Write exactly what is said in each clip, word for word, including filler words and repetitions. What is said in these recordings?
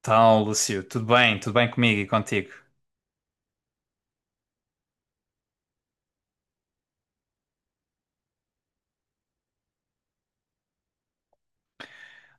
Então, Lúcio, tudo bem? Tudo bem comigo e contigo?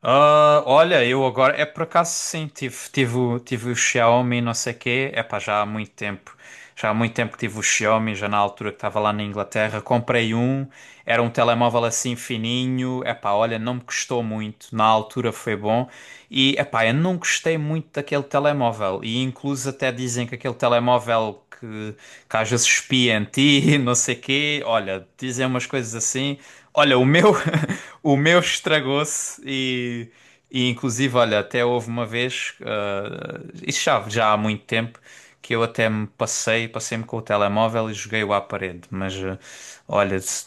Ah, olha, eu agora, é por acaso sim, tive, tive, o- tive o Xiaomi não sei quê, é pá, já há muito tempo. Já há muito tempo que tive o Xiaomi, já na altura que estava lá na Inglaterra. Comprei um, era um telemóvel assim fininho. Epá, olha, não me custou muito. Na altura foi bom. E epá, eu não gostei muito daquele telemóvel. E incluso até dizem que aquele telemóvel que, que às vezes espia em ti, não sei quê. Olha, dizem umas coisas assim. Olha, o meu, o meu estragou-se e e inclusive, olha, até houve uma vez, ah, isso já, já há muito tempo, que eu até me passei, passei-me com o telemóvel e joguei-o à parede. Mas, ah, olha, se-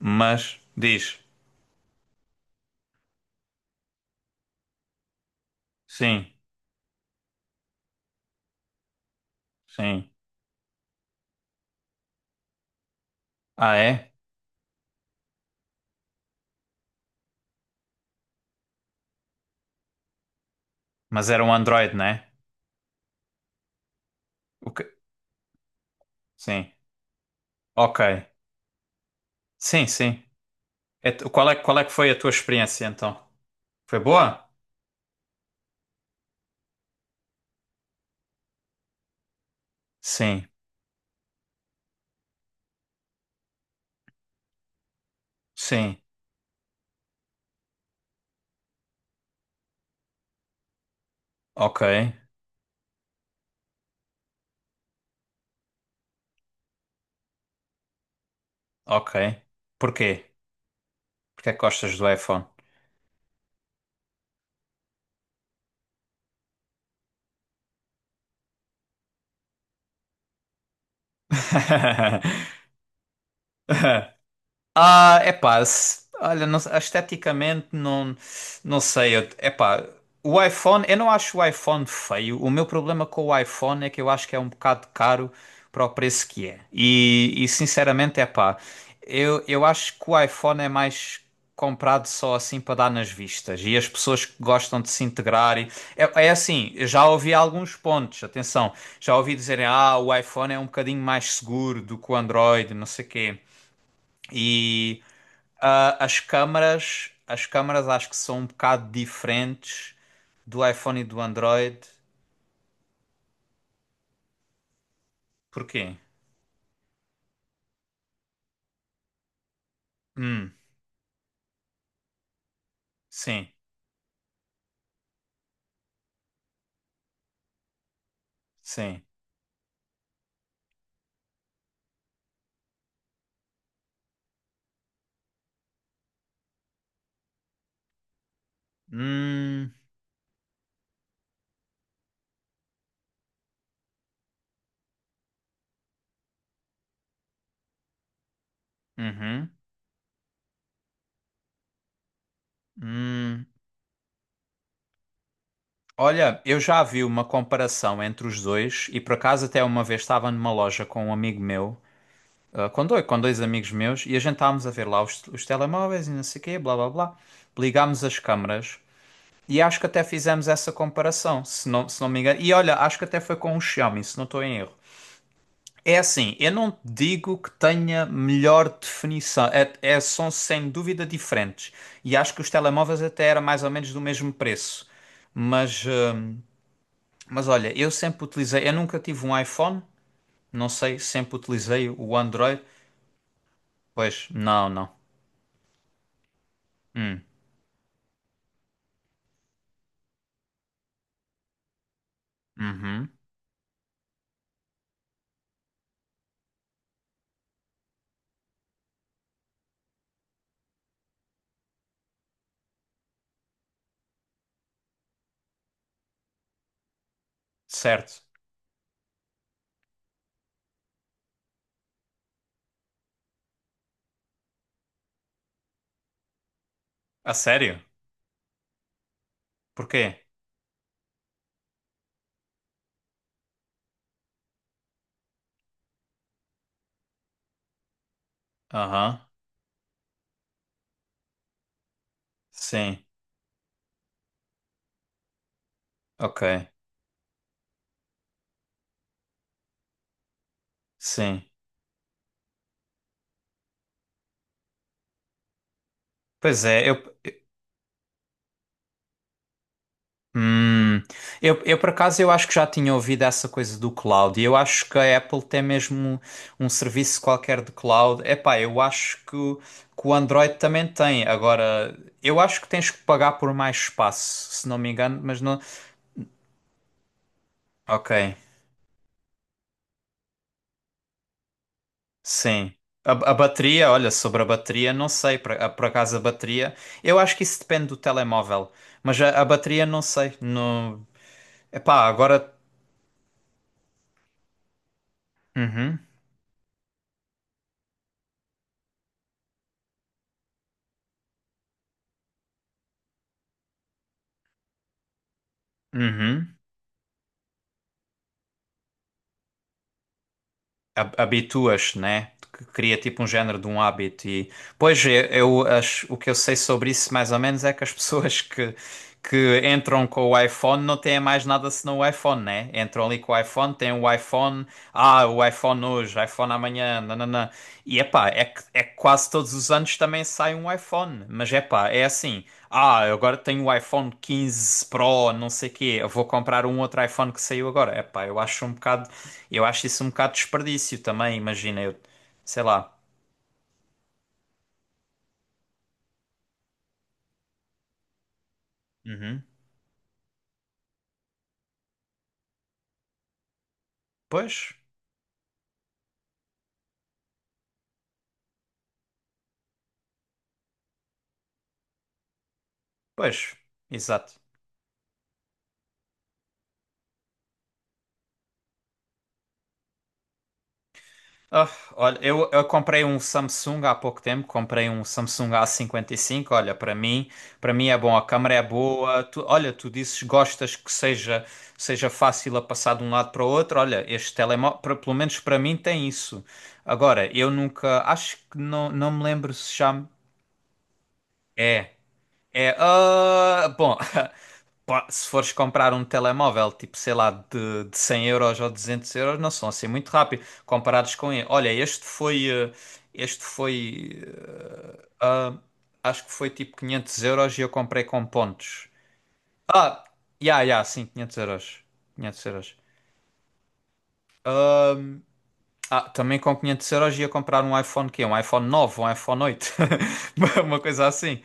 mas, diz, sim, sim. Ah, é? Mas era um Android, não é? O que- Sim, ok. Sim, sim. É tu- Qual é, qual é que foi a tua experiência então? Foi boa? Sim, sim. Ok, ok. Porquê? Porquê é que gostas do iPhone? Ah, é pá, se- olha, não- esteticamente não, não sei, é pá, o iPhone, eu não acho o iPhone feio, o meu problema com o iPhone é que eu acho que é um bocado caro para o preço que é, e, e sinceramente, é pá, eu, eu acho que o iPhone é mais comprado só assim para dar nas vistas, e as pessoas que gostam de se integrar, e, é, é assim, eu já ouvi alguns pontos, atenção, já ouvi dizerem, ah, o iPhone é um bocadinho mais seguro do que o Android, não sei o quê, ah, as câmaras, as câmaras acho que são um bocado diferentes do iPhone e do Android. Porquê? Hum, sim, sim. Hum, uhum, hum. Olha, eu já vi uma comparação entre os dois e por acaso até uma vez estava numa loja com um amigo meu, ah, com dois, com dois amigos meus, e a gente estávamos a ver lá os, os telemóveis e não sei o quê, blá blá blá. Ligámos as câmaras e acho que até fizemos essa comparação, se não, se não me engano. E olha, acho que até foi com o Xiaomi, se não estou em erro. É assim, eu não digo que tenha melhor definição, é, é- são sem dúvida diferentes. E acho que os telemóveis até eram mais ou menos do mesmo preço. Mas, hum, mas olha, eu sempre utilizei, eu nunca tive um iPhone, não sei, sempre utilizei o Android. Pois, não, não. Hum, uhum, certo. A sério? Porquê? Aham, sim, ok, sim. Pois é, eu, hum, eu, eu por acaso eu acho que já tinha ouvido essa coisa do cloud e eu acho que a Apple tem mesmo um, serviço qualquer de cloud. Epá, eu acho que, o- que o Android também tem. Agora, eu acho que tens que pagar por mais espaço, se não me engano, mas não. Ok, sim. A, a bateria, olha, sobre a bateria, não sei, por, a- por acaso a bateria, eu acho que isso depende do telemóvel, mas a, a bateria não sei. Não. Epá, agora. Uhum, uhum. Hab- habituas, né? Que cria tipo um género de um hábito e pois eu, eu acho- o que eu sei sobre isso mais ou menos é que as pessoas que que entram com o iPhone não têm mais nada senão o iPhone, né? Entram ali com o iPhone, têm o iPhone, ah, o iPhone hoje, iPhone amanhã, nananã. E epá, é que é que quase todos os anos também sai um iPhone, mas epá, é assim, ah, eu agora tenho o iPhone quinze Pro, não sei quê, eu vou comprar um outro iPhone que saiu agora. Epá, eu acho um bocado, eu acho isso um bocado desperdício também, imagina, eu, sei lá. Uhum. Pois, pois, exato. Ah, olha, eu, eu comprei um Samsung há pouco tempo, comprei um Samsung A cinquenta e cinco. Olha, para mim, para mim é bom, a câmera é boa. Tu, olha, tu dizes gostas que seja seja fácil a passar de um lado para o outro. Olha, este telemóvel, pelo menos para mim tem isso. Agora, eu nunca, acho que não, não me lembro se já me- é. É, ah, bom, Pá, se fores comprar um telemóvel, tipo, sei lá, de, de cem euros ou duzentos euros, não são assim muito rápido comparados com ele. Olha, este foi, eh, este foi, eh, acho que foi tipo quinhentos euros e eu comprei com pontos. Ah, já, já, sim, quinhentos euros. Quinhentos euros. Ah, também com quinhentos euros ia comprar um iPhone quê? Um iPhone nove, um iPhone oito. Uma uma coisa assim.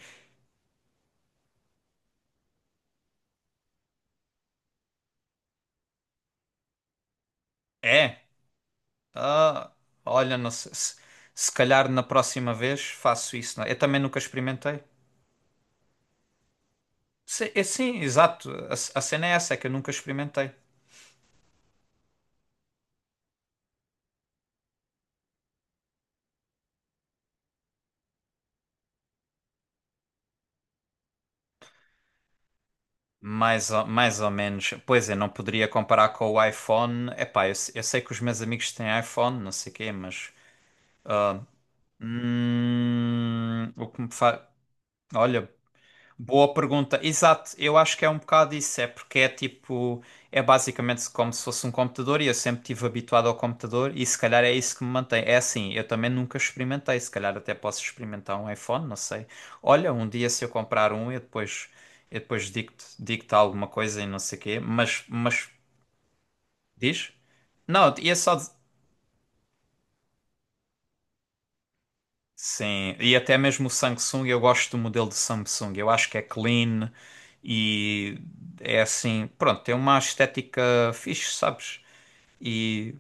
É. Ah, olha, não sei. Se, se calhar na próxima vez faço isso. Não é? Eu também nunca experimentei. Sim, é- sim, exato. A, c- a cena é essa, é que eu nunca experimentei. Mais ou, mais ou menos. Pois é, não poderia comparar com o iPhone. Epá, eu, se- eu sei que os meus amigos têm iPhone, não sei quê, mas. Hum, o que me faz. Olha, boa pergunta. Exato, eu acho que é um bocado isso, é porque é tipo, é basicamente como se fosse um computador e eu sempre estive habituado ao computador e se calhar é isso que me mantém. É assim, eu também nunca experimentei, se calhar até posso experimentar um iPhone, não sei. Olha, um dia se eu comprar um, eu depois, eu depois digo-te, digo-te alguma coisa e não sei quê, mas, mas diz? Não, ia só. Sim, e até mesmo o Samsung, eu gosto do modelo de Samsung. Eu acho que é clean e é assim, pronto, tem uma estética fixe, sabes? E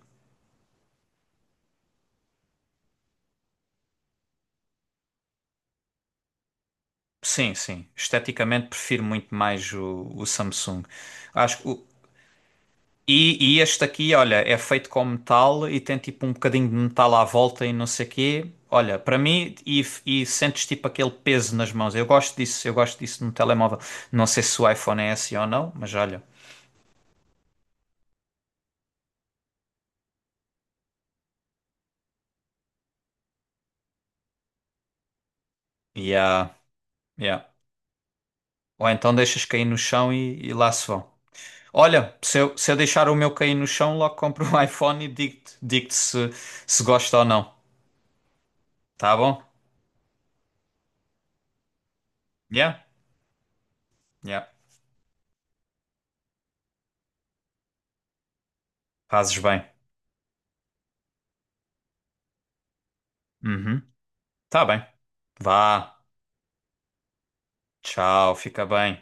sim, sim, esteticamente prefiro muito mais o, o Samsung. Acho que o- e, e este aqui, olha, é feito com metal e tem tipo um bocadinho de metal à volta e não sei quê. Olha, para mim, e, e sentes tipo aquele peso nas mãos. Eu gosto disso, eu gosto disso no telemóvel. Não sei se o iPhone é assim ou não, mas olha. Yeah. Yeah. Ou então deixas cair no chão e, e lá se vão. Olha, se eu, se eu deixar o meu cair no chão, logo compro um iPhone e digo-te digo-te se, se gosta ou não. Tá bom? Yeah? Yeah. Fazes bem. Uhum. Tá bem. Vá. Tchau. Fica bem.